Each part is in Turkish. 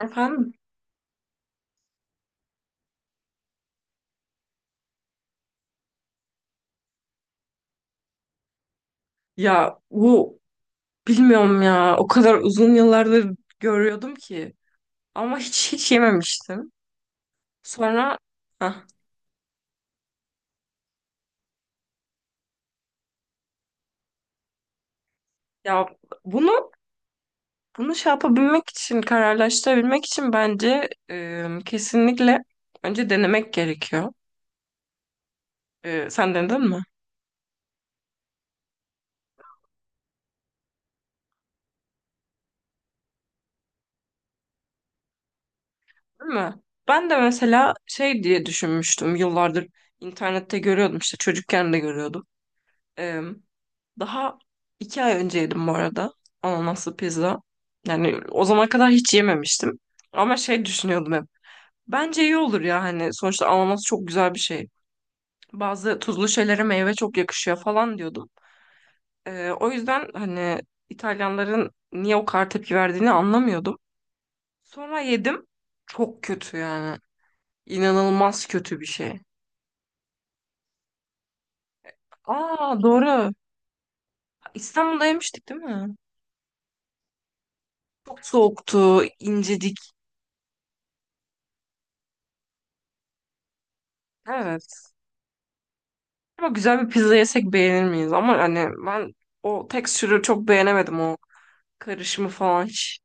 Efendim? Ya bu bilmiyorum ya. O kadar uzun yıllardır görüyordum ki. Ama hiç hiç yememiştim. Sonra hah, ya bunu bunu şey yapabilmek için kararlaştırabilmek için bence kesinlikle önce denemek gerekiyor. E, sen denedin mi? Değil mi? Ben de mesela şey diye düşünmüştüm yıllardır internette görüyordum işte çocukken de görüyordum. Daha iki ay önce yedim bu arada ananaslı pizza. Yani o zamana kadar hiç yememiştim. Ama şey düşünüyordum hep. Bence iyi olur ya hani sonuçta ananas çok güzel bir şey. Bazı tuzlu şeylere meyve çok yakışıyor falan diyordum. O yüzden hani İtalyanların niye o kadar tepki verdiğini anlamıyordum. Sonra yedim. Çok kötü yani. İnanılmaz kötü bir şey. Aa, doğru. İstanbul'da yemiştik değil mi? Çok soğuktu, incecik. Evet. Ama güzel bir pizza yesek beğenir miyiz? Ama hani ben o tekstürü çok beğenemedim, o karışımı falan hiç.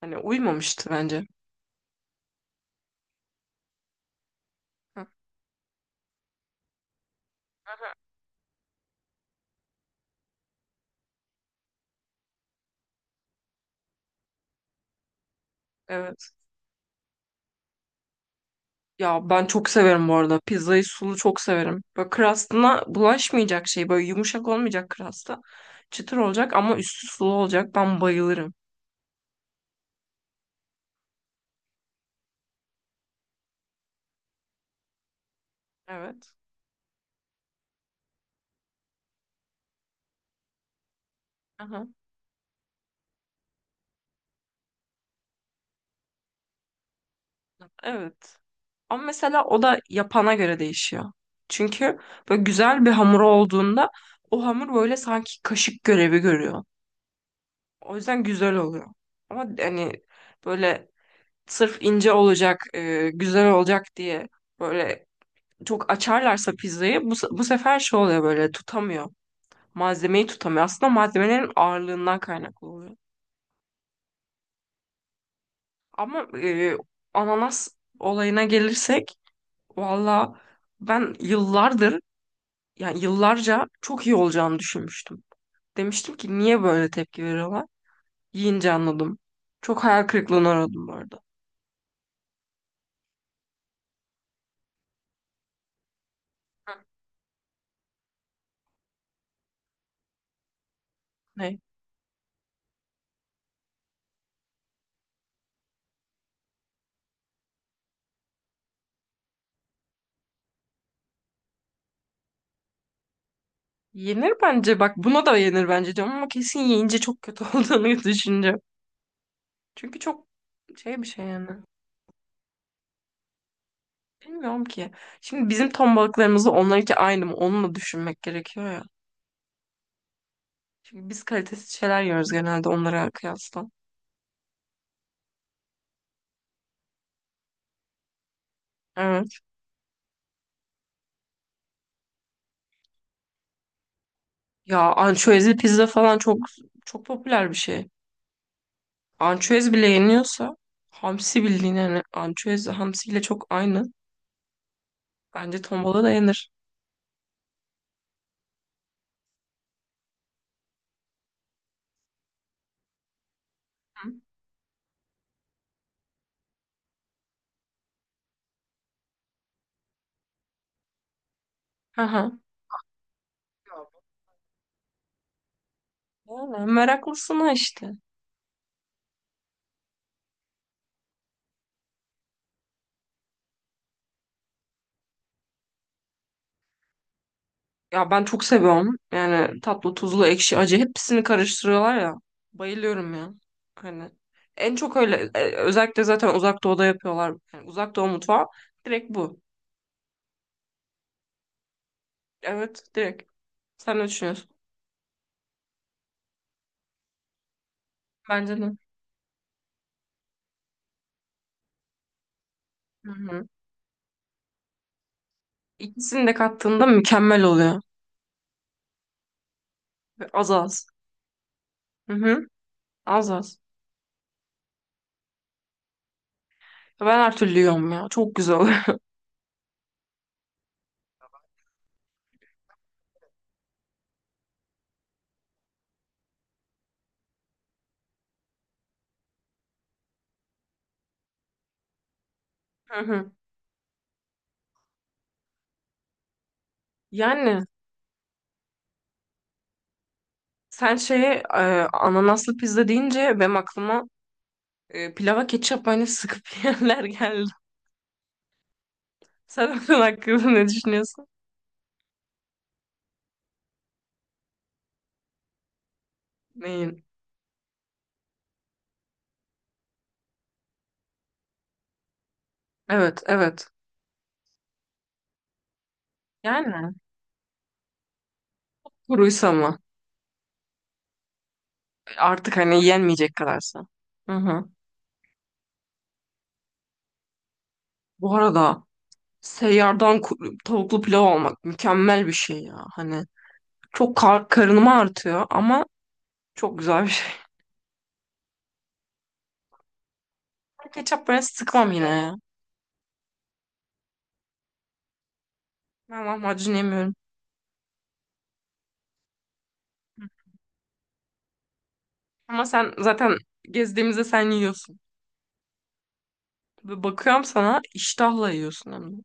Hani uymamıştı bence. Hı. Evet. Ya ben çok severim bu arada. Pizzayı sulu çok severim. Böyle crust'ına bulaşmayacak şey. Böyle yumuşak olmayacak crust'a. Çıtır olacak ama üstü sulu olacak. Ben bayılırım. Evet. Aha. Evet. Ama mesela o da yapana göre değişiyor. Çünkü böyle güzel bir hamur olduğunda o hamur böyle sanki kaşık görevi görüyor. O yüzden güzel oluyor. Ama hani böyle sırf ince olacak, güzel olacak diye böyle çok açarlarsa pizzayı bu sefer şey oluyor, böyle tutamıyor. Malzemeyi tutamıyor. Aslında malzemelerin ağırlığından kaynaklı oluyor. Ama ananas olayına gelirsek valla ben yıllardır, yani yıllarca çok iyi olacağını düşünmüştüm. Demiştim ki niye böyle tepki veriyorlar? Yiyince anladım. Çok hayal kırıklığına uğradım bu arada. Ne? Yenir bence. Bak, buna da yenir bence diyorum ama kesin yiyince çok kötü olduğunu düşüneceğim. Çünkü çok şey bir şey yani. Bilmiyorum ki. Şimdi bizim ton balıklarımızla onlarınki aynı mı? Onu da düşünmek gerekiyor ya. Çünkü biz kalitesiz şeyler yiyoruz genelde onlara kıyasla. Evet. Ya ançüezli pizza falan çok çok popüler bir şey. Ançüez bile yeniyorsa hamsi bildiğin, yani ançüez hamsiyle çok aynı. Bence ton balığı da yenir. Hı hı. Yani meraklısına işte. Ya ben çok seviyorum. Yani tatlı, tuzlu, ekşi, acı hepsini karıştırıyorlar ya. Bayılıyorum ya. Hani en çok öyle özellikle zaten uzak doğuda yapıyorlar. Yani uzak doğu mutfağı direkt bu. Evet, direkt. Sen ne düşünüyorsun? Bence de. Hı hı. İkisini de kattığında mükemmel oluyor. Ve az az. Hı hı. Az az. Ben her türlü yiyorum ya. Çok güzel oluyor. Hı hı. Yani sen şeye ananaslı pizza deyince benim aklıma pilava ketçap mayonez sıkıp yiyenler geldi. Sen onun hakkında ne düşünüyorsun? Neyin? Evet, evet. Yani kuruysa mı? Artık hani yenmeyecek kadarsa. Hı hı. Bu arada seyyardan tavuklu pilav almak mükemmel bir şey ya. Hani çok karınımı artıyor ama çok güzel bir şey. Ben ketçap böyle sıkmam yine ya. Ben lahmacun yemiyorum. Ama sen zaten gezdiğimizde sen yiyorsun. Ve bakıyorum, sana iştahla yiyorsun hem de.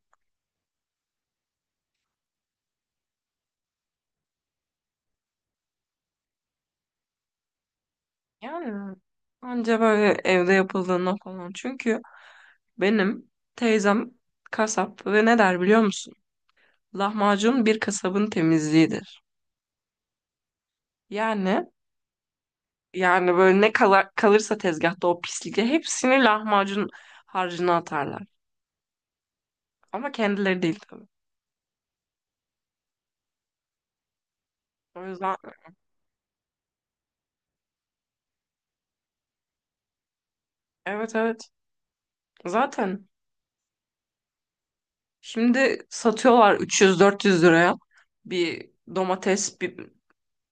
Yani anca böyle evde yapıldığında falan. Çünkü benim teyzem kasap ve ne der biliyor musun? Lahmacun bir kasabın temizliğidir. Yani böyle kalırsa tezgahta o pislikle hepsini lahmacun harcına atarlar. Ama kendileri değil tabii. O yüzden evet, evet. Zaten şimdi satıyorlar 300-400 liraya bir domates, bir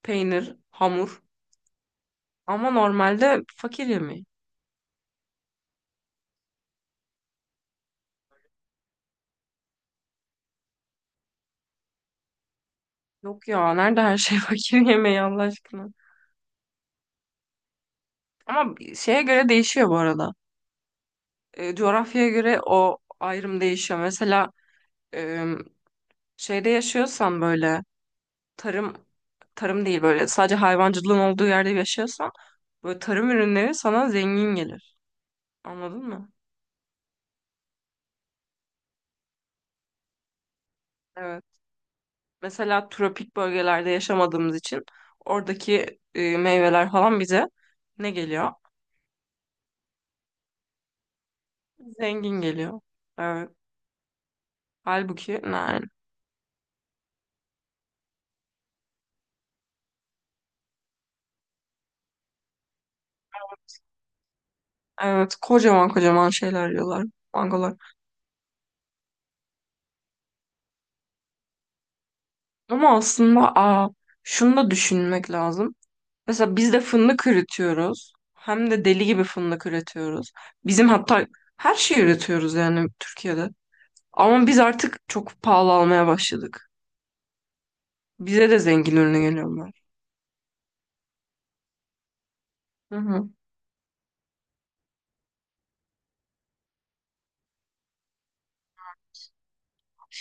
peynir, hamur. Ama normalde fakir yemeği. Yok ya, nerede her şey fakir yemeği Allah aşkına. Ama şeye göre değişiyor bu arada. E, coğrafyaya göre o ayrım değişiyor. Mesela e, şeyde yaşıyorsan böyle tarım tarım değil, böyle sadece hayvancılığın olduğu yerde yaşıyorsan böyle tarım ürünleri sana zengin gelir. Anladın mı? Evet. Mesela tropik bölgelerde yaşamadığımız için oradaki meyveler falan bize ne geliyor? Zengin geliyor. Evet. Halbuki yani evet, kocaman kocaman şeyler yiyorlar, mangolar. Ama aslında şunu da düşünmek lazım. Mesela biz de fındık üretiyoruz. Hem de deli gibi fındık üretiyoruz. Bizim hatta her şeyi üretiyoruz, yani Türkiye'de. Ama biz artık çok pahalı almaya başladık. Bize de zengin ürünü geliyorlar. Hı hı.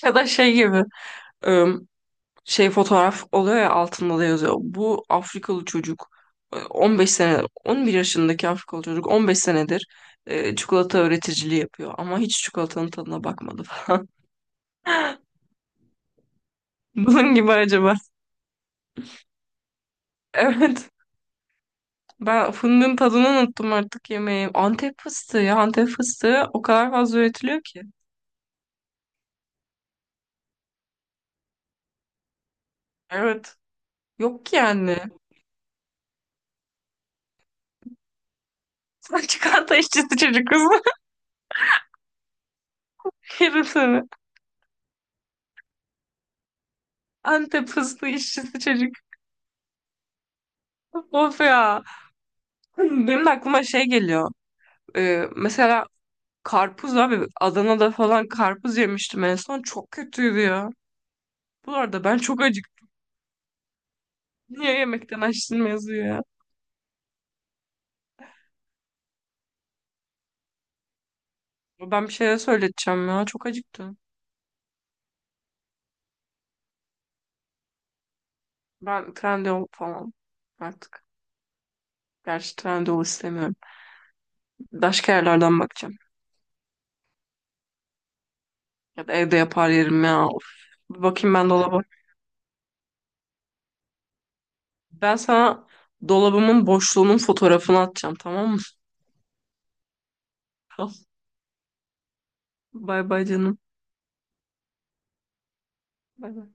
Ya da şey gibi, ım, şey fotoğraf oluyor ya, altında da yazıyor. Bu Afrikalı çocuk, 15 sene, 11 yaşındaki Afrikalı çocuk 15 senedir çikolata üreticiliği yapıyor ama hiç çikolatanın tadına bakmadı falan. Bunun gibi acaba. Evet. Ben fındığın tadını unuttum, artık yemeği. Antep fıstığı ya. Antep fıstığı o kadar fazla üretiliyor ki. Evet. Yok ki yani. Sen çikolata işçisi çocuk kız. Yerim seni. Antep fıstığı işçisi çocuk. Of ya. Benim de aklıma şey geliyor. Mesela karpuz abi. Adana'da falan karpuz yemiştim en son. Çok kötüydü ya. Bu arada ben çok acıktım. Niye yemekten açtın yazıyor ya. Ben bir şeyler söyleteceğim ya. Çok acıktım. Ben trendyol falan artık. Gerçi Trendyol istemiyorum. Başka yerlerden bakacağım. Ya da evde yapar yerim ya. Of. Bir bakayım ben dolaba. Ben sana dolabımın boşluğunun fotoğrafını atacağım, tamam mı? Tamam. Bay bay canım. Bay bay.